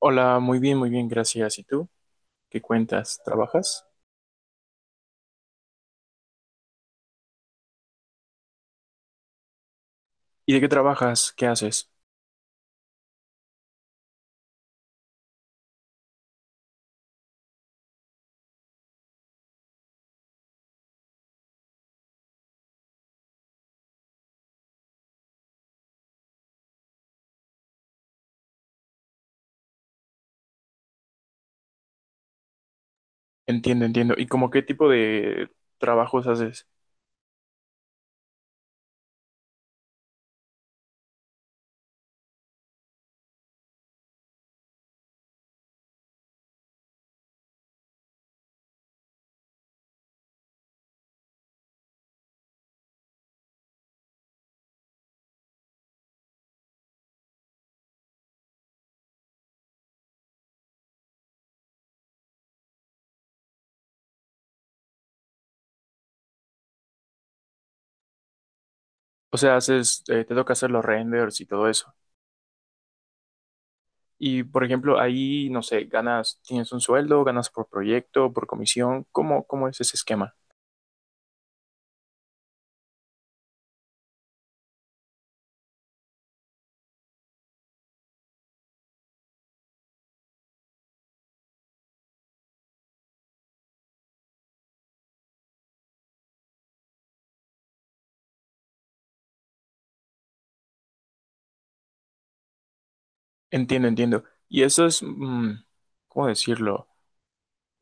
Hola, muy bien, gracias. ¿Y tú? ¿Qué cuentas? ¿Trabajas? ¿Y de qué trabajas? ¿Qué haces? Entiendo, entiendo. ¿Y como qué tipo de trabajos haces? O sea, haces, te toca hacer los renders y todo eso. Y por ejemplo, ahí, no sé, ganas, tienes un sueldo, ganas por proyecto, por comisión. ¿Cómo es ese esquema? Entiendo, entiendo. Y eso es, ¿cómo decirlo?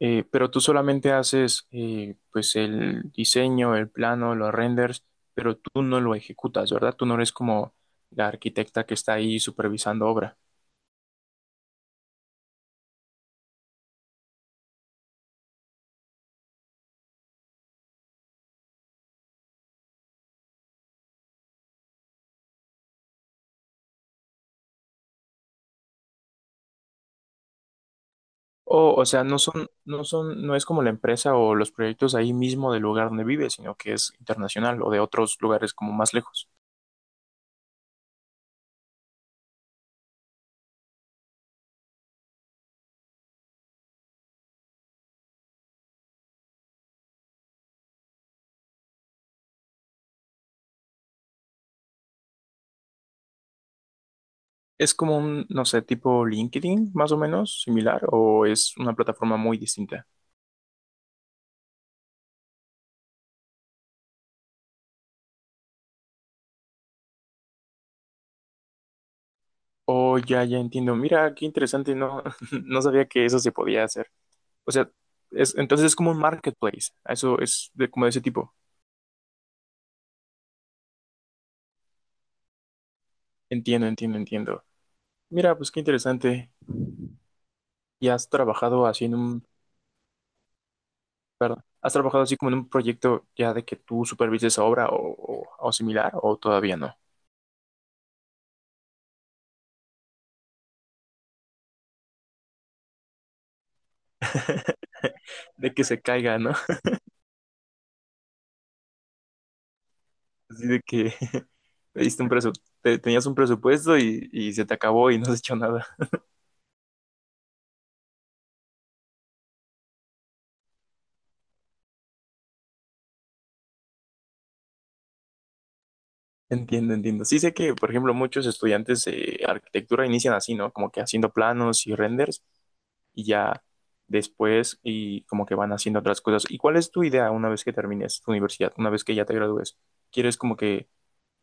Pero tú solamente haces pues el diseño, el plano, los renders, pero tú no lo ejecutas, ¿verdad? Tú no eres como la arquitecta que está ahí supervisando obra. O sea, no son, no es como la empresa o los proyectos ahí mismo del lugar donde vives, sino que es internacional o de otros lugares como más lejos. Es como un, no sé, tipo LinkedIn, más o menos, similar, o es una plataforma muy distinta. Oh, ya, ya entiendo. Mira, qué interesante, no, no sabía que eso se podía hacer. O sea, es, entonces es como un marketplace. Eso es de, como de ese tipo. Entiendo, entiendo, entiendo. Mira, pues qué interesante. ¿Y has trabajado así en un, perdón, has trabajado así como en un proyecto ya de que tú supervises obra o, o similar o todavía no? ¿De que se caiga, no? Así de que le diste un presu- tenías un presupuesto y se te acabó y no has hecho nada. Entiendo, entiendo. Sí sé que, por ejemplo, muchos estudiantes de arquitectura inician así, ¿no? Como que haciendo planos y renders y ya después y como que van haciendo otras cosas. ¿Y cuál es tu idea una vez que termines tu universidad, una vez que ya te gradúes? ¿Quieres como que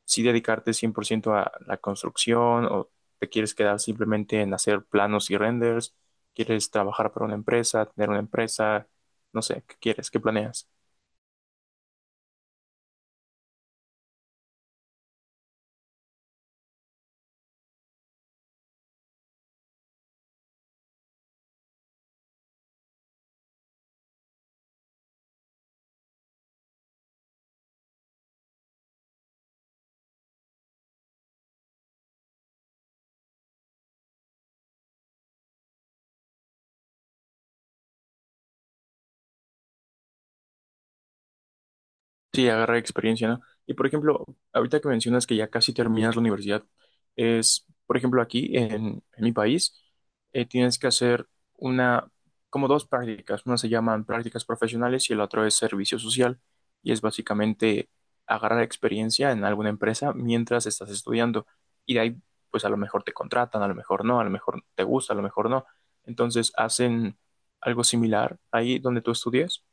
sí dedicarte 100% a la construcción o te quieres quedar simplemente en hacer planos y renders? ¿Quieres trabajar para una empresa, tener una empresa? No sé, ¿qué quieres? ¿Qué planeas? Sí, agarrar experiencia, ¿no? Y por ejemplo, ahorita que mencionas que ya casi terminas la universidad, es, por ejemplo, aquí en mi país, tienes que hacer una, como dos prácticas. Una se llaman prácticas profesionales y el otro es servicio social. Y es básicamente agarrar experiencia en alguna empresa mientras estás estudiando. Y de ahí, pues a lo mejor te contratan, a lo mejor no, a lo mejor te gusta, a lo mejor no. Entonces hacen algo similar ahí donde tú estudias.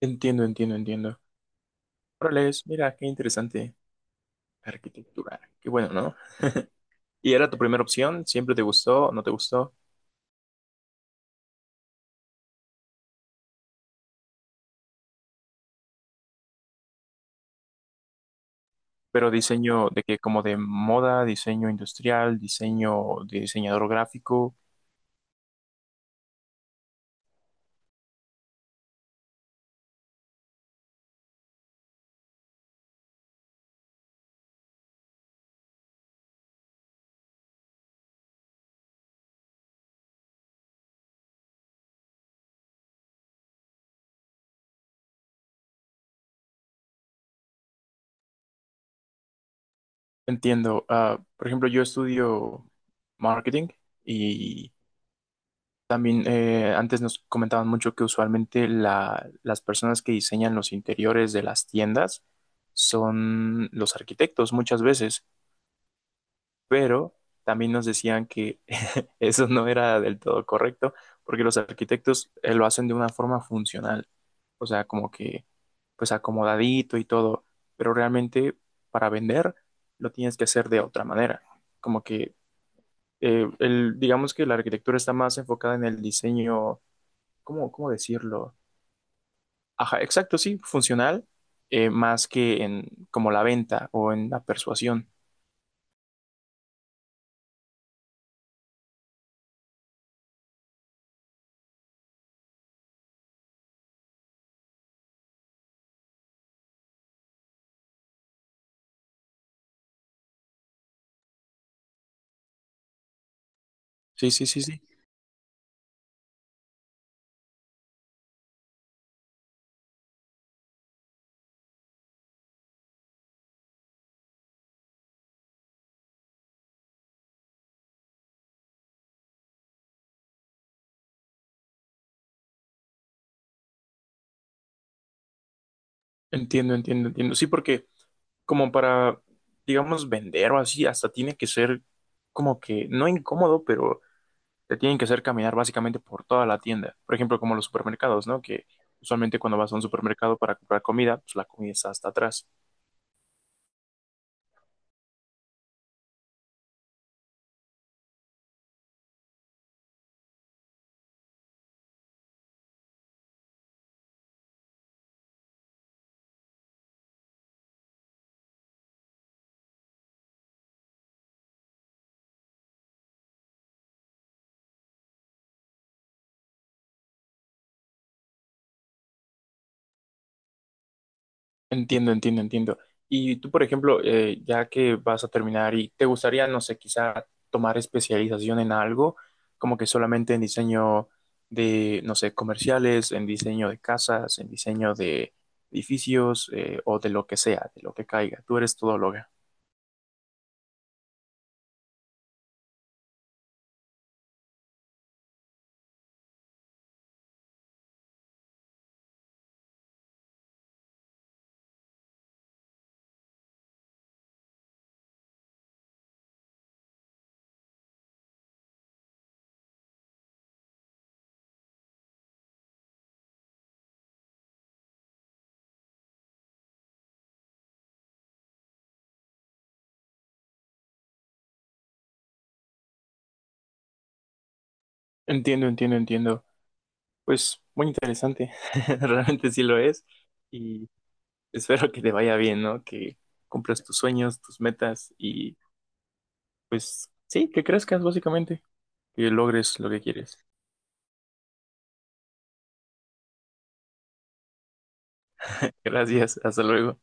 Entiendo, entiendo, entiendo. Órale, mira, qué interesante. Arquitectura. Qué bueno, ¿no? ¿Y era tu primera opción? ¿Siempre te gustó? ¿No te gustó? Pero diseño de que como de moda, diseño industrial, diseño de diseñador gráfico. Entiendo. Ah, por ejemplo, yo estudio marketing y también antes nos comentaban mucho que usualmente la- las personas que diseñan los interiores de las tiendas son los arquitectos muchas veces, pero también nos decían que eso no era del todo correcto, porque los arquitectos lo hacen de una forma funcional, o sea, como que pues acomodadito y todo, pero realmente para vender lo tienes que hacer de otra manera, como que el, digamos que la arquitectura está más enfocada en el diseño, ¿cómo decirlo? Ajá, exacto, sí, funcional, más que en como la venta o en la persuasión. Sí, sí, sí, sí. Entiendo, entiendo, entiendo. Sí, porque como para, digamos, vender o así, hasta tiene que ser como que, no incómodo, pero te tienen que hacer caminar básicamente por toda la tienda. Por ejemplo, como los supermercados, ¿no? Que usualmente cuando vas a un supermercado para comprar comida, pues la comida está hasta atrás. Entiendo, entiendo, entiendo. Y tú, por ejemplo, ya que vas a terminar y te gustaría, no sé, quizá tomar especialización en algo, como que solamente en diseño de, no sé, comerciales, en diseño de casas, en diseño de edificios, o de lo que sea, de lo que caiga. Tú eres todóloga. Entiendo, entiendo, entiendo. Pues muy interesante, realmente sí lo es. Y espero que te vaya bien, ¿no? Que cumplas tus sueños, tus metas y pues sí, que crezcas básicamente. Que logres lo que quieres. Gracias, hasta luego.